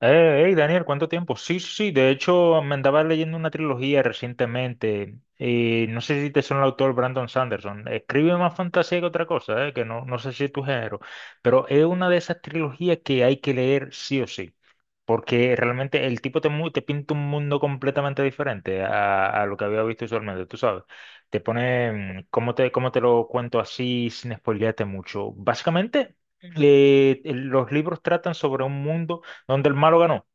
Hey, Daniel, ¿cuánto tiempo? Sí, sí, sí, de hecho me andaba leyendo una trilogía recientemente y no sé si te son el autor Brandon Sanderson. Escribe más fantasía que otra cosa, que no, no sé si es tu género, pero es una de esas trilogías que hay que leer sí o sí, porque realmente el tipo te, te pinta un mundo completamente diferente a lo que había visto usualmente, tú sabes. Te pone, cómo te lo cuento así sin spoilearte mucho? Básicamente, los libros tratan sobre un mundo donde el malo ganó.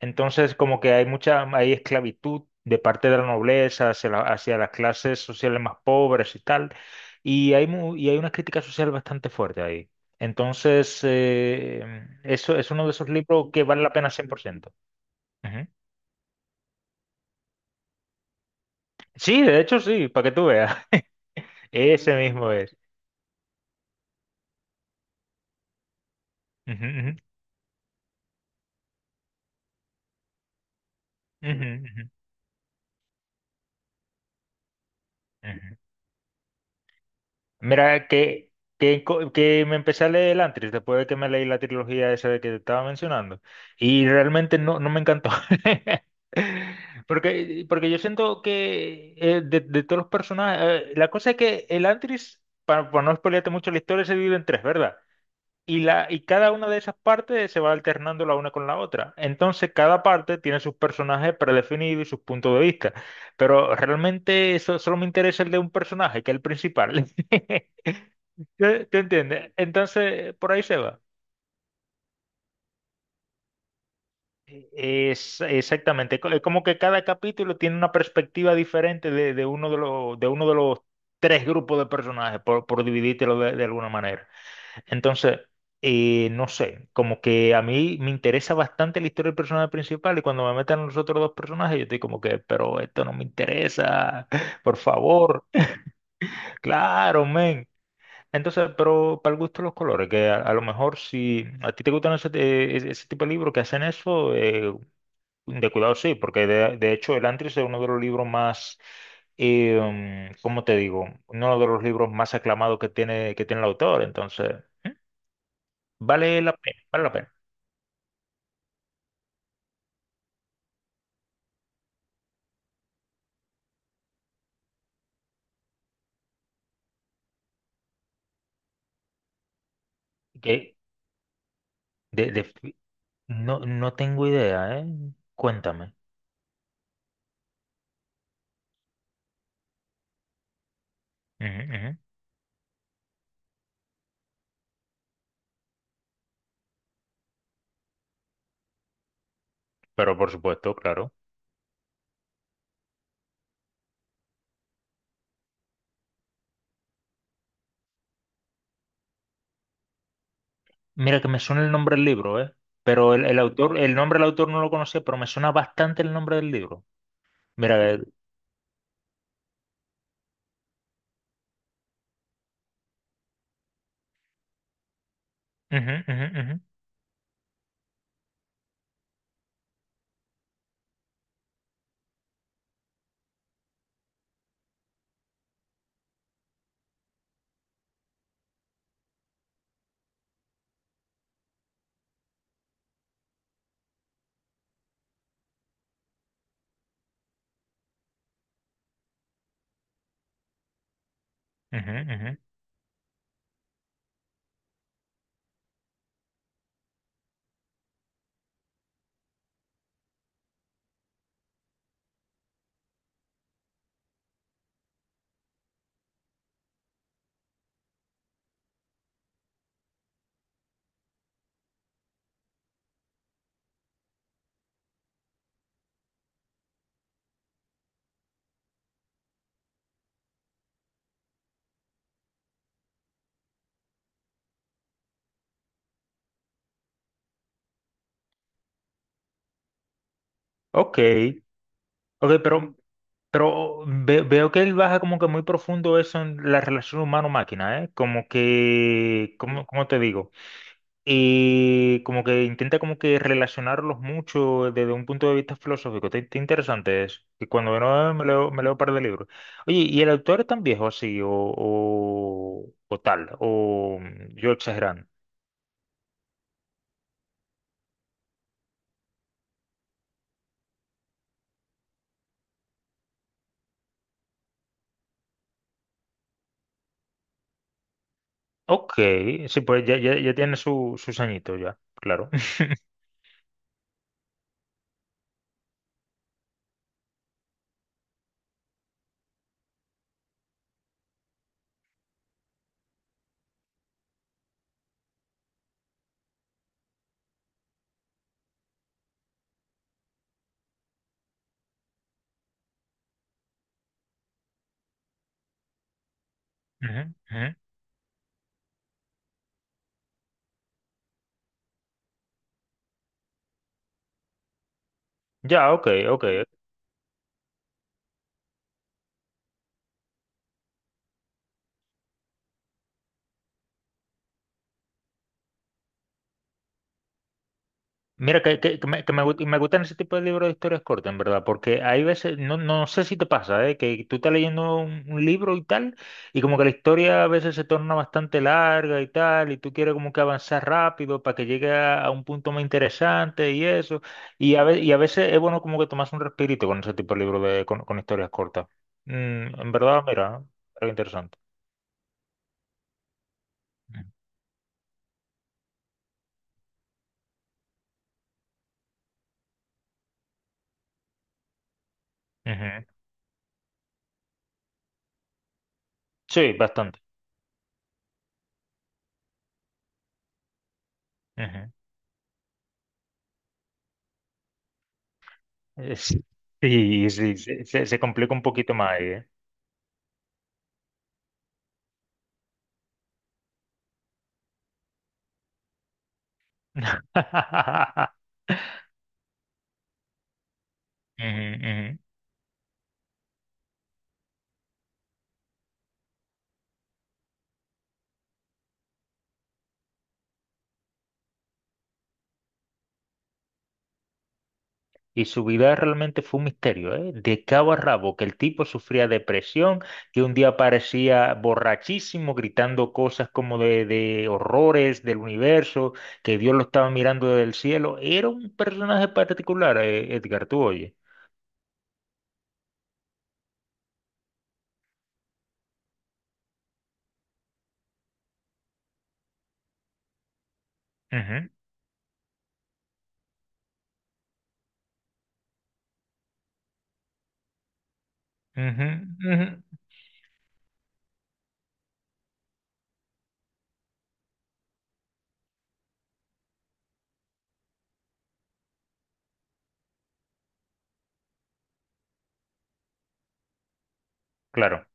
Entonces, como que hay mucha, hay esclavitud de parte de la nobleza hacia, hacia las clases sociales más pobres y tal, y hay, y hay una crítica social bastante fuerte ahí. Entonces, eso es uno de esos libros que vale la pena 100%. Ujú. Sí, de hecho sí, para que tú veas. Ese mismo es. Ujú, ujú, ujú, ujú, ujú. Mira, que me empecé a leer el Antris después de que me leí la trilogía esa de que te estaba mencionando. Y realmente no, no me encantó. Porque, porque yo siento que de todos los personajes. La cosa es que el Antris, para no spoilearte mucho la historia, se divide en tres, ¿verdad? Y, la, y cada una de esas partes se va alternando la una con la otra. Entonces, cada parte tiene sus personajes predefinidos y sus puntos de vista. Pero realmente eso, solo me interesa el de un personaje, que es el principal. Te entiende. Entonces, por ahí se va. Es exactamente. Es como que cada capítulo tiene una perspectiva diferente de, de uno de los tres grupos de personajes, por dividírtelo de alguna manera. Entonces, no sé, como que a mí me interesa bastante la historia del personaje principal y cuando me meten los otros dos personajes, yo estoy como que, pero esto no me interesa, por favor, claro, men. Entonces, pero para el gusto de los colores, que a lo mejor si a ti te gustan ese, ese tipo de libros que hacen eso, de cuidado sí, porque de hecho el Antris es uno de los libros más, eh, ¿cómo te digo? Uno de los libros más aclamados que tiene el autor, entonces vale la pena, vale la pena. Que de, de- fi- no, no tengo idea, ¿eh? Cuéntame. Ujú, ujú. Pero por supuesto, claro. Mira que me suena el nombre del libro, ¿eh? Pero el autor, el nombre del autor no lo conocía, pero me suena bastante el nombre del libro. Mira, ujú, ujú, ujú, ujú, ujú. Ok, ok, pero, veo que él baja como que muy profundo eso en la relación humano-máquina, ¿eh? Como que, ¿cómo, cómo te digo? Y como que intenta como que relacionarlos mucho desde un punto de vista filosófico. Está está interesante eso. Y cuando no me leo, me leo un par de libros. Oye, ¿y el autor es tan viejo así? O tal, yo exagerando. Ok, sí, pues ya, ya, ya tiene su, sus añitos ya, claro. Ujú, ujú. Ya, ok, ok. Mira, me gustan ese tipo de libros de historias cortas, en verdad, porque hay veces, no, no sé si te pasa, ¿eh? Que tú estás leyendo un libro y tal, y como que la historia a veces se torna bastante larga y tal, y tú quieres como que avanzar rápido para que llegue a un punto más interesante y eso, y a veces es bueno como que tomas un respirito con ese tipo de libros de, con historias cortas. En verdad, mira, es interesante. Ujú. Sí, bastante. Ujú. Es- Sí, sí, se complica un poquito más ahí, ¿eh? Ujú, ujú. Y su vida realmente fue un misterio, ¿eh? De cabo a rabo, que el tipo sufría depresión, que un día parecía borrachísimo, gritando cosas como de horrores del universo, que Dios lo estaba mirando desde el cielo. Era un personaje particular, Edgar, tú oye. Ujú, ujú, ujú. Claro.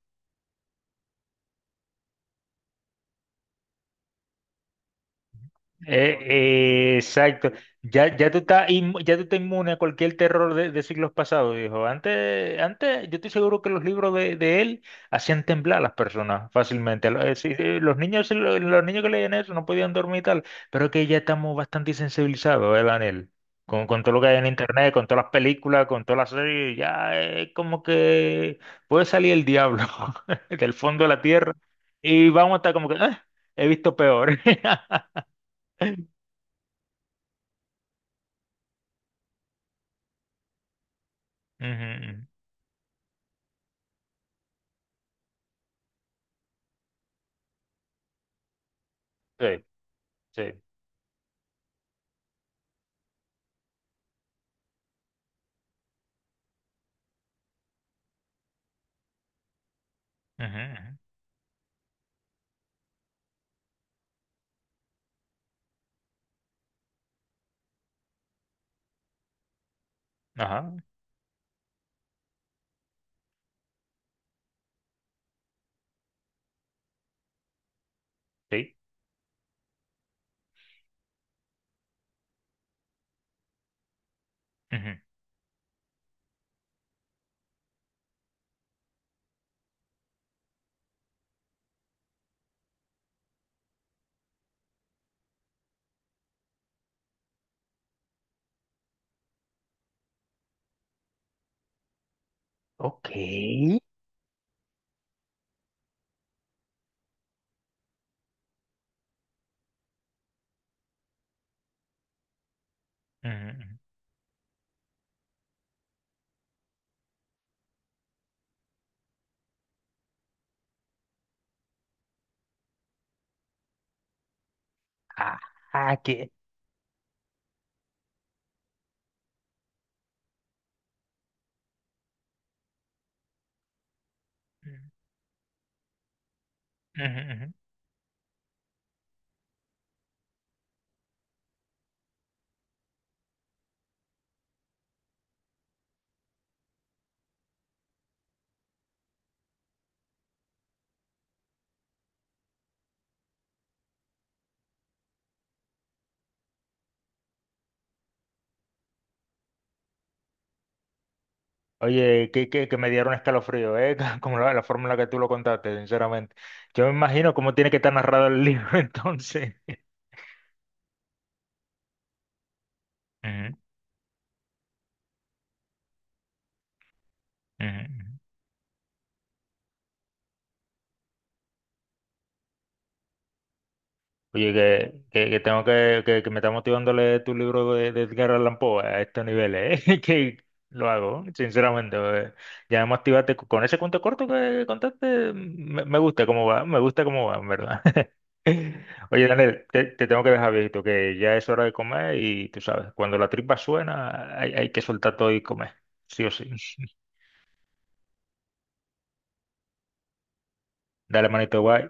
Eh, exacto. Ya, ya tú estás inmune a cualquier terror de siglos pasados, dijo. Antes, antes, yo estoy seguro que los libros de él hacían temblar a las personas fácilmente. Sí, sí, los niños, niños que leían eso no podían dormir y tal, pero que ya estamos bastante sensibilizados, ¿eh, Daniel? Con todo lo que hay en internet, con todas las películas, con todas las series, ya es como que puede salir el diablo del fondo de la tierra y vamos a estar como que, "Ah, he visto peor." Ujú, sí, sí. Ujú, ujú. Ujú. Ajá, sí. Ujú, ok. Ujú, ujú, ah, que... ujú, ujú. Ujú. Oye, que me dieron escalofrío, ¿eh? Como la forma en la que tú lo contaste, sinceramente. Yo me imagino cómo tiene que estar narrado el libro entonces. Ujú, ujú, ujú. Oye, que tengo que, que me está motivando a leer tu libro de Edgar Allan Poe a estos niveles, ¿eh? Que lo hago, sinceramente. Ya me activaste con ese cuento corto que contaste. Me gusta cómo va, me gusta cómo va, en verdad. Oye, Daniel, te tengo que dejar, viejito, que ya es hora de comer y tú sabes, cuando la tripa suena, hay que soltar todo y comer, sí o sí. Dale, manito, guay.